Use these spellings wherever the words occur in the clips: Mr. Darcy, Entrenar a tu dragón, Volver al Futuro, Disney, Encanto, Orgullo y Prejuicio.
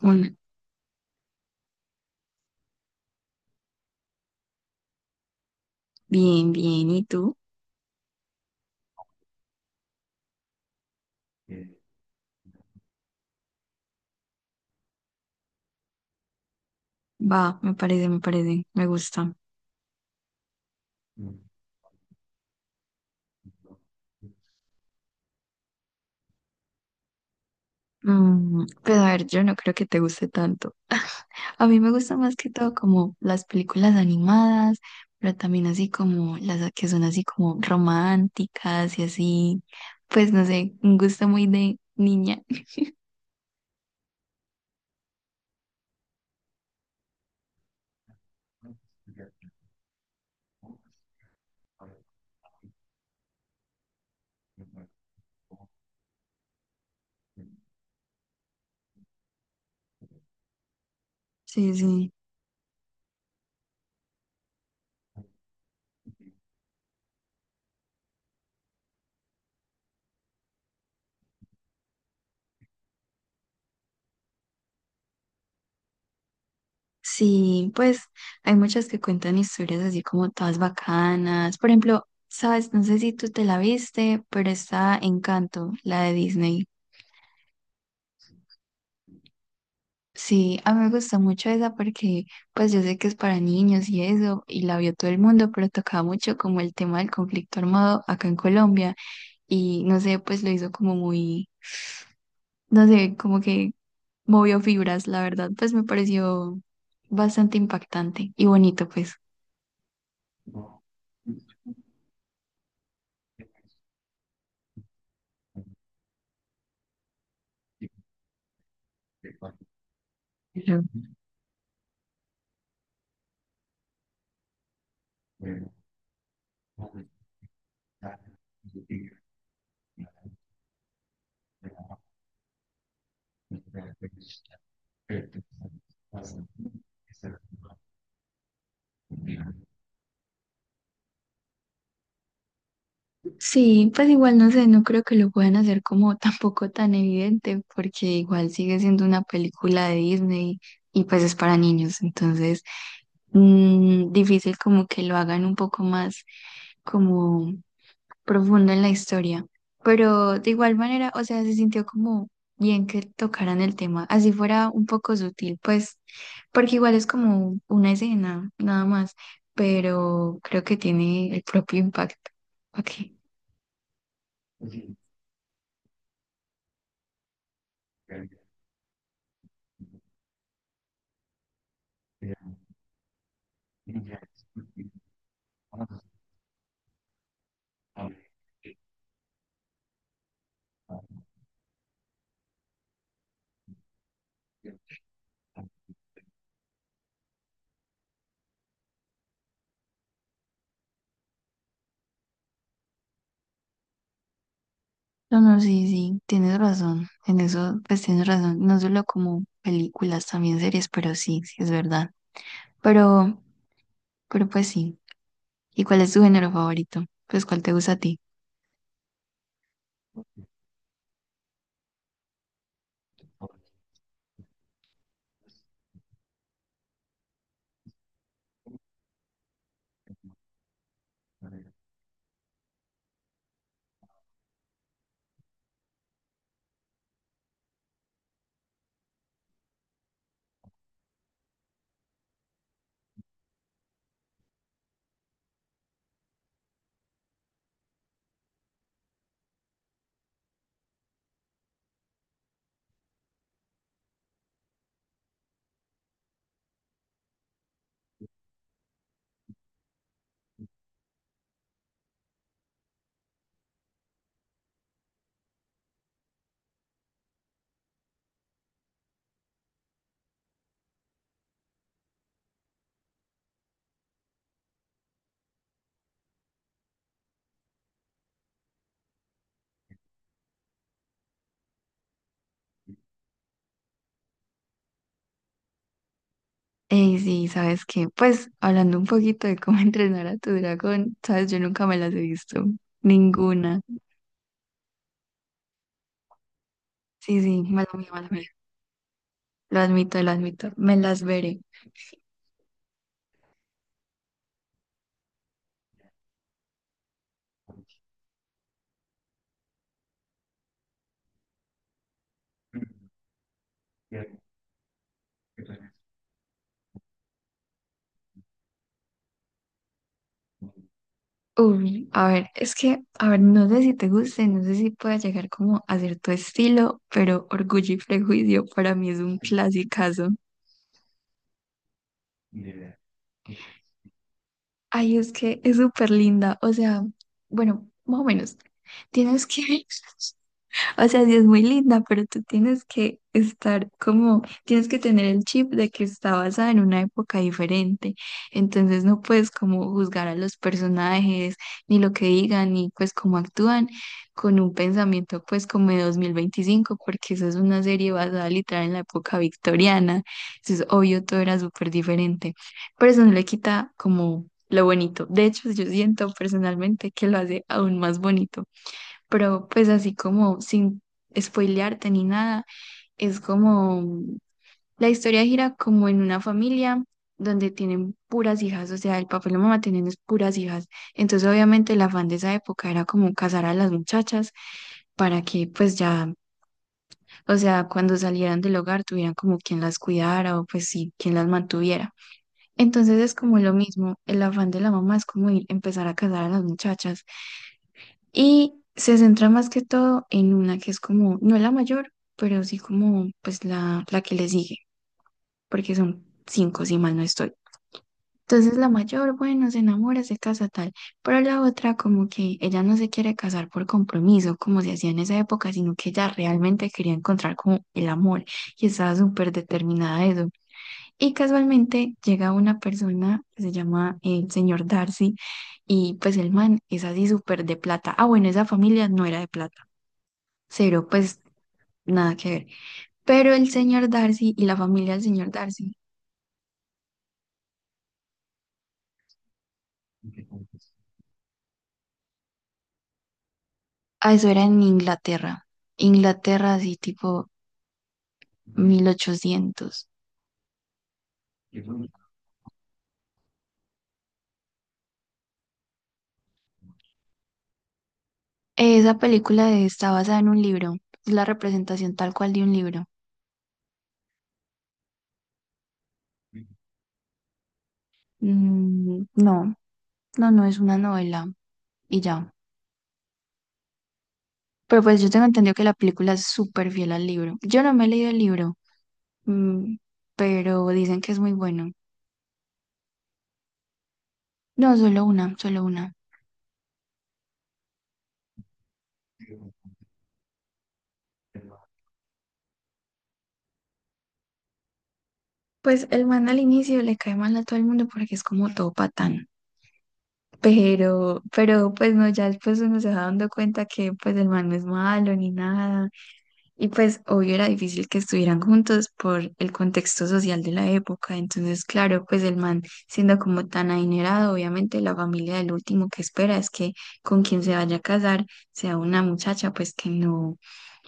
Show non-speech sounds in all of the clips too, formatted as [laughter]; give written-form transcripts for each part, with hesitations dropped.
Hola, bien, bien. ¿Y tú? Va, me parece, me gusta. Pues a ver, yo no creo que te guste tanto. A mí me gusta más que todo como las películas animadas, pero también así como las que son así como románticas y así. Pues no sé, un gusto muy de niña. Sí, sí. Sí, pues hay muchas que cuentan historias así como todas bacanas. Por ejemplo, sabes, no sé si tú te la viste, pero está Encanto, la de Disney. Sí, a mí me gustó mucho esa porque pues yo sé que es para niños y eso, y la vio todo el mundo, pero tocaba mucho como el tema del conflicto armado acá en Colombia y no sé, pues lo hizo como muy, no sé, como que movió fibras, la verdad, pues me pareció bastante impactante y bonito, pues. Sí, pues igual no sé, no creo que lo puedan hacer como [laughs] tampoco tan evidente, porque igual sigue siendo una película de Disney y pues es para niños, entonces difícil como que lo hagan un poco más como profundo en la historia. Pero de igual manera, o sea, se sintió como bien que tocaran el tema, así fuera un poco sutil, pues, porque igual es como una escena, nada más, pero creo que tiene el propio impacto. Ok. No, no, sí, sí, tienes razón. En eso, pues tienes razón. No solo como películas, también series, pero sí, sí es verdad. Pero, pero pues sí. ¿Y cuál es tu género favorito? Pues cuál te gusta a ti. Ey, sí, ¿sabes qué? Pues hablando un poquito de cómo [laughs] entrenar a tu dragón, ¿sabes? Yo nunca me las he visto. Ninguna. Sí, sí, mala mía, mala mía. Lo admito, lo admito. Me las veré. Uy, a ver, a ver, no sé si te guste, no sé si pueda llegar como a cierto estilo, pero Orgullo y Prejuicio para mí es un clasicazo. Ay, es que es súper linda, o sea, bueno, más o menos. Tienes que, [laughs] O sea, sí es muy linda, pero tú tienes que estar como, tienes que tener el chip de que está basada en una época diferente. Entonces no puedes como juzgar a los personajes, ni lo que digan, ni pues cómo actúan con un pensamiento pues como de 2025, porque esa es una serie basada literal en la época victoriana. Entonces, obvio, todo era súper diferente. Pero eso no le quita como lo bonito. De hecho, yo siento personalmente que lo hace aún más bonito, pero pues así como sin spoilearte ni nada, es como la historia gira como en una familia donde tienen puras hijas, o sea, el papá y la mamá tienen es puras hijas. Entonces, obviamente, el afán de esa época era como casar a las muchachas para que pues ya, o sea, cuando salieran del hogar tuvieran como quien las cuidara o pues sí, quien las mantuviera. Entonces es como lo mismo, el afán de la mamá es como ir, empezar a casar a las muchachas. Y se centra más que todo en una que es como, no es la mayor, pero sí como pues la que le sigue, porque son cinco si mal no estoy. Entonces la mayor, bueno, se enamora, se casa tal, pero la otra como que ella no se quiere casar por compromiso, como se hacía en esa época, sino que ella realmente quería encontrar como el amor y estaba súper determinada a eso. Y casualmente llega una persona que se llama el señor Darcy y pues el man es así súper de plata. Ah, bueno, esa familia no era de plata. Cero, pues nada que ver. Pero el señor Darcy y la familia del señor Darcy, ah, eso era en Inglaterra. Inglaterra, así tipo 1800. Esa película está basada en un libro. Es la representación tal cual de un libro. No, no, no es una novela. Y ya. Pero pues yo tengo entendido que la película es súper fiel al libro. Yo no me he leído el libro, mm, pero dicen que es muy bueno. No, solo una, solo una. Pues el man al inicio le cae mal a todo el mundo porque es como todo patán. Pero pues no, ya después uno se va dando cuenta que pues el man no es malo ni nada. Y pues obvio era difícil que estuvieran juntos por el contexto social de la época. Entonces, claro, pues el man siendo como tan adinerado, obviamente la familia del último que espera es que con quien se vaya a casar sea una muchacha pues que no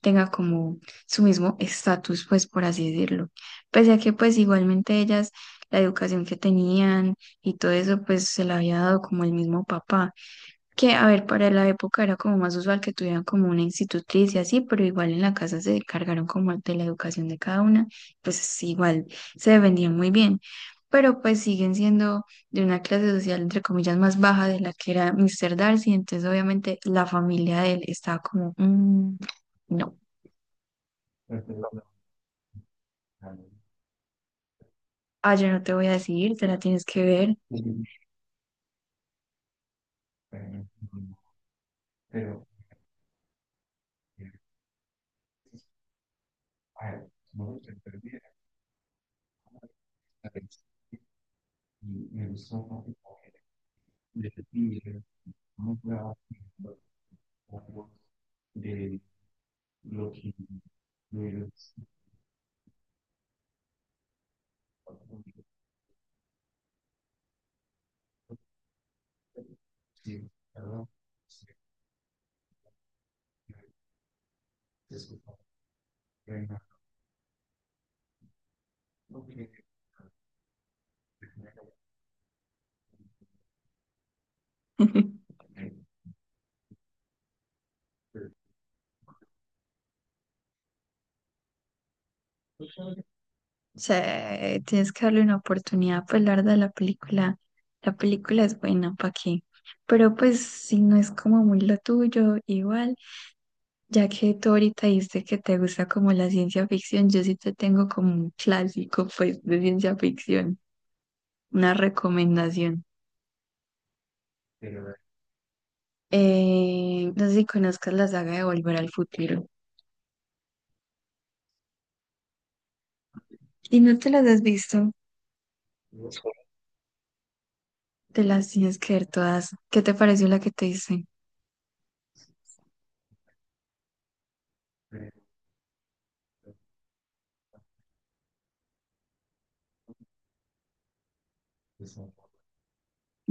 tenga como su mismo estatus, pues por así decirlo. Pese a que pues igualmente ellas, la educación que tenían y todo eso, pues se la había dado como el mismo papá, que a ver, para la época era como más usual que tuvieran como una institutriz y así, pero igual en la casa se encargaron como de la educación de cada una, pues sí, igual se defendían muy bien, pero pues siguen siendo de una clase social entre comillas más baja de la que era Mr. Darcy, entonces obviamente la familia de él estaba como, "Mm, no". Ah, yo no te voy a decir, te la tienes que ver. [laughs] O sea, tienes que darle una oportunidad, pues la verdad la película es buena, ¿para qué? Pero pues si no es como muy lo tuyo, igual, ya que tú ahorita dijiste que te gusta como la ciencia ficción, yo sí te tengo como un clásico, [laughs] pues, de ciencia ficción, una recomendación. No sé si conozcas la saga de Volver al Futuro. Si no te las has visto, te las tienes que ver todas. ¿Qué te pareció la que te hice?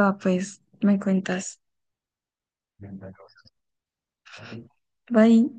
Va, pues, me cuentas. Bye.